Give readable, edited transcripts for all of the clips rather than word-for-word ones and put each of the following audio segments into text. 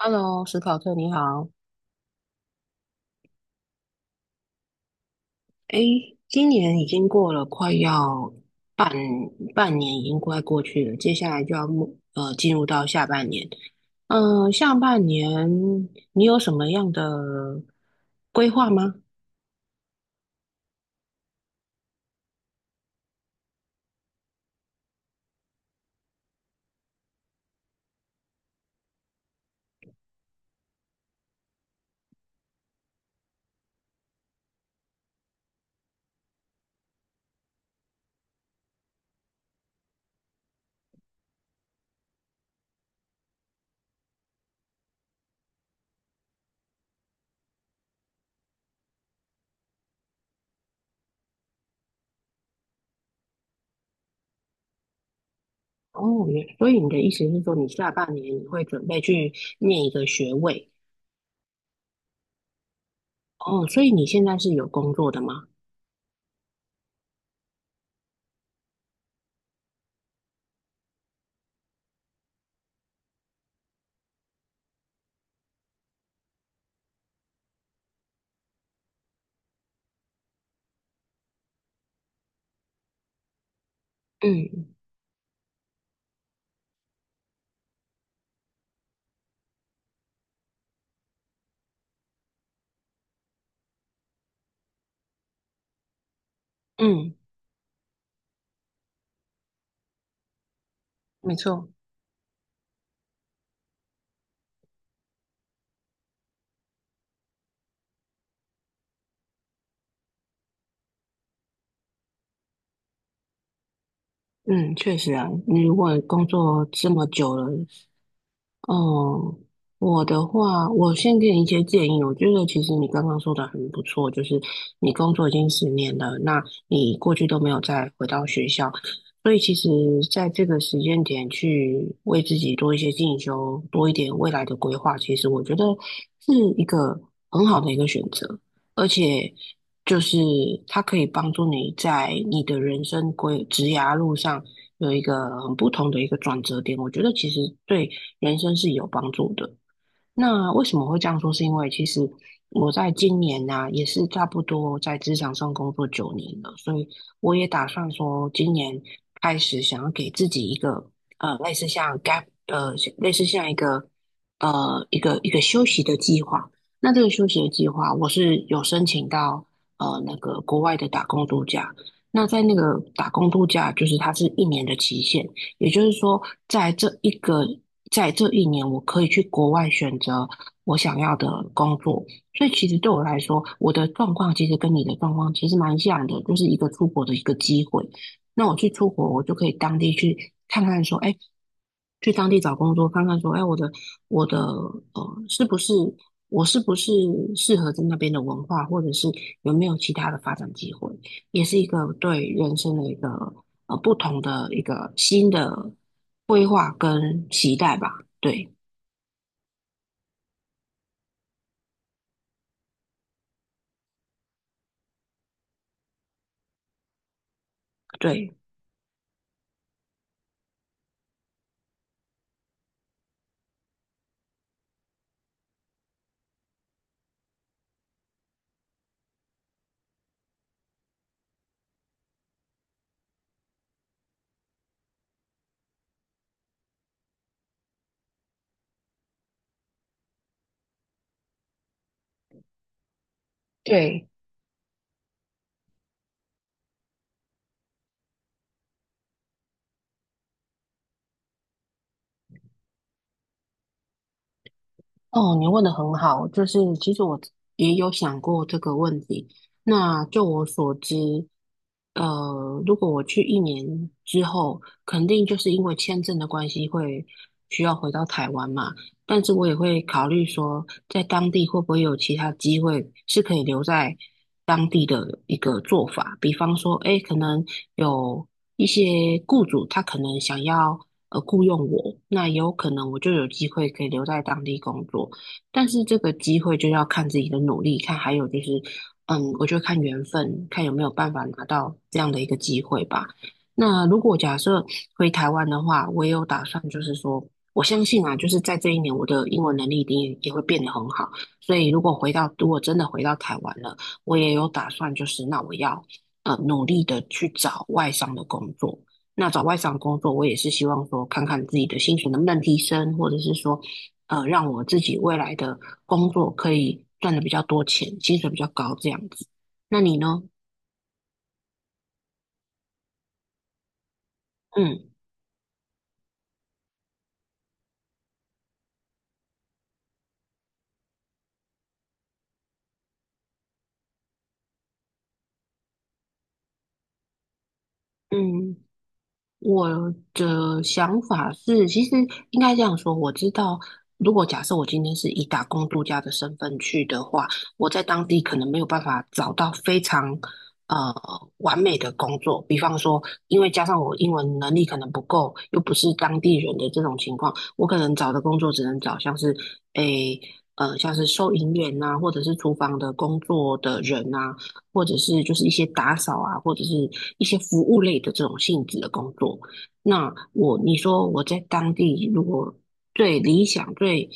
Hello，史考特，你好。诶，今年已经过了，快要半半年，已经快过去了。接下来就要进入到下半年。下半年你有什么样的规划吗？哦，所以你的意思是说，你下半年你会准备去念一个学位？哦，所以你现在是有工作的吗？嗯嗯，没错，嗯，确实啊，你如果工作这么久了，哦，我的话，我先给你一些建议。我觉得其实你刚刚说的很不错，就是你工作已经10年了，那你过去都没有再回到学校，所以其实在这个时间点去为自己多一些进修，多一点未来的规划，其实我觉得是一个很好的一个选择，而且就是它可以帮助你在你的人生职涯路上有一个很不同的一个转折点。我觉得其实对。人生是有帮助的。那为什么会这样说？是因为其实我在今年呢、也是差不多在职场上工作9年了，所以我也打算说，今年开始想要给自己一个类似像 gap，类似像一个一个休息的计划。那这个休息的计划，我是有申请到那个国外的打工度假。那在那个打工度假，就是它是一年的期限，也就是说，在这一个，在这一年，我可以去国外选择我想要的工作。所以其实对我来说，我的状况其实跟你的状况其实蛮像的，就是一个出国的一个机会。那我去出国，我就可以当地去看看，说，哎，去当地找工作，看看说，哎，我的呃，是不是我是不是适合在那边的文化，或者是有没有其他的发展机会？也是一个对人生的一个不同的一个新的规划跟期待吧。对对对，哦，你问的很好，就是其实我也有想过这个问题。那就我所知，如果我去一年之后，肯定就是因为签证的关系会需要回到台湾嘛。但是我也会考虑说，在当地会不会有其他机会是可以留在当地的一个做法，比方说，诶，可能有一些雇主他可能想要。雇佣我，那也有可能我就有机会可以留在当地工作。但是这个机会就要看自己的努力，看还有就是，嗯，我就看缘分，看有没有办法拿到这样的一个机会吧。那如果假设回台湾的话，我也有打算，就是说，我相信啊，就是在这一年，我的英文能力一定也会变得很好。所以如果回到，如果真的回到台湾了，我也有打算，就是那我要努力的去找外商的工作。那找外商工作，我也是希望说，看看自己的薪水能不能提升，或者是说，让我自己未来的工作可以赚的比较多钱，薪水比较高这样子。那你呢？嗯嗯。我的想法是，其实应该这样说，我知道，如果假设我今天是以打工度假的身份去的话，我在当地可能没有办法找到非常呃完美的工作。比方说，因为加上我英文能力可能不够，又不是当地人的这种情况，我可能找的工作只能找像是诶像是收银员呐、或者是厨房的工作的人呐、或者是就是一些打扫啊，或者是一些服务类的这种性质的工作。那我你说我在当地如果最理想、最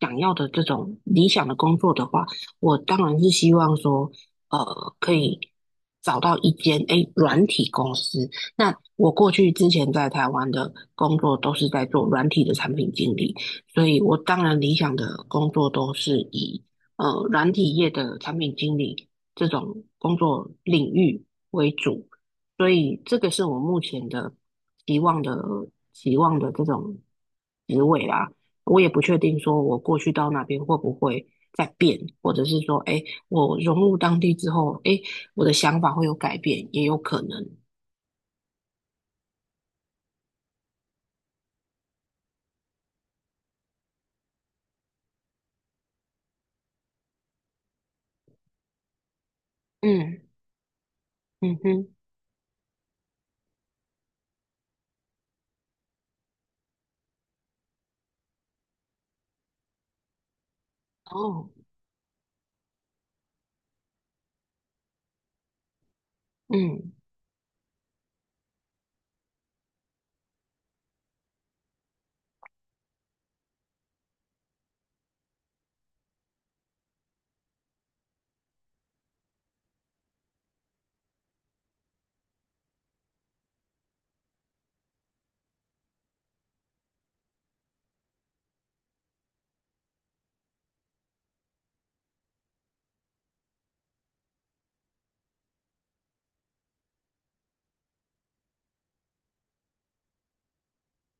想要的这种理想的工作的话，我当然是希望说，可以找到一间诶软体公司。那我过去之前在台湾的工作都是在做软体的产品经理，所以我当然理想的工作都是以软体业的产品经理这种工作领域为主，所以这个是我目前的期望的期望的这种职位啦。我也不确定说我过去到那边会不会再变，或者是说，哎，我融入当地之后，哎，我的想法会有改变，也有可能。嗯嗯哼，哦，嗯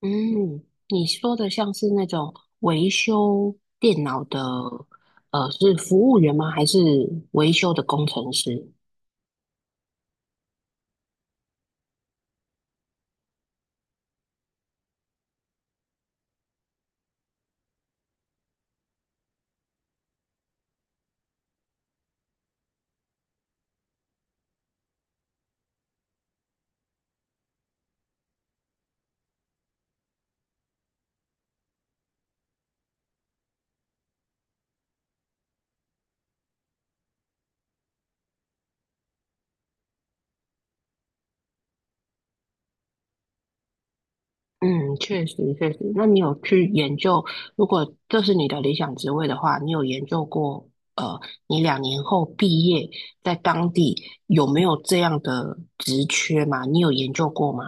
嗯，你说的像是那种维修电脑的，是服务员吗？还是维修的工程师？嗯，确实确实。那你有去研究，如果这是你的理想职位的话，你有研究过，呃，你2年后毕业在当地有没有这样的职缺吗？你有研究过吗？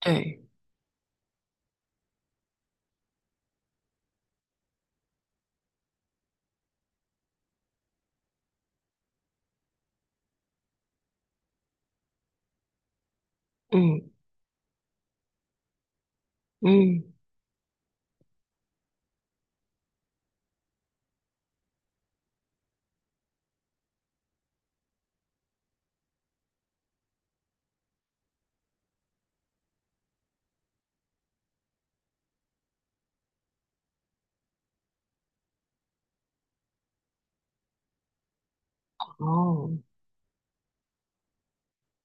对，嗯嗯，哦。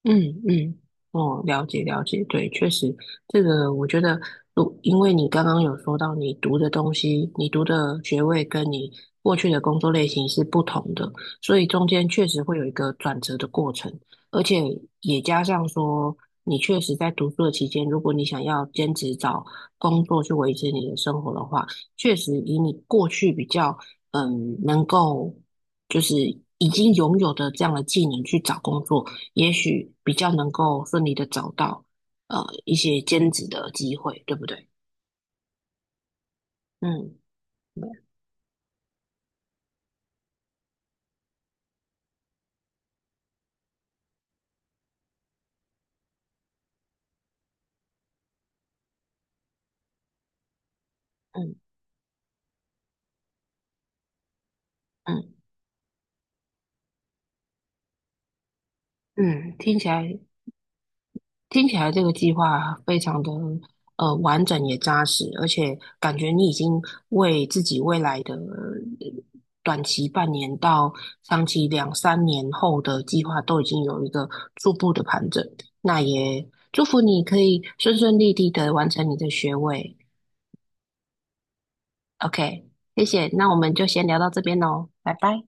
嗯嗯，哦，了解了解，对，确实，这个我觉得，因为你刚刚有说到你读的东西，你读的学位跟你过去的工作类型是不同的，所以中间确实会有一个转折的过程，而且也加上说，你确实在读书的期间，如果你想要兼职找工作去维持你的生活的话，确实以你过去比较嗯能够就是已经拥有的这样的技能去找工作。也许比较能够顺利的找到一些兼职的机会，对不对？嗯嗯嗯嗯，听起来这个计划非常的完整也扎实，而且感觉你已经为自己未来的短期半年到长期两三年后的计划都已经有一个初步的盘整。那也祝福你可以顺顺利利的完成你的学位。OK，谢谢，那我们就先聊到这边喽，拜拜。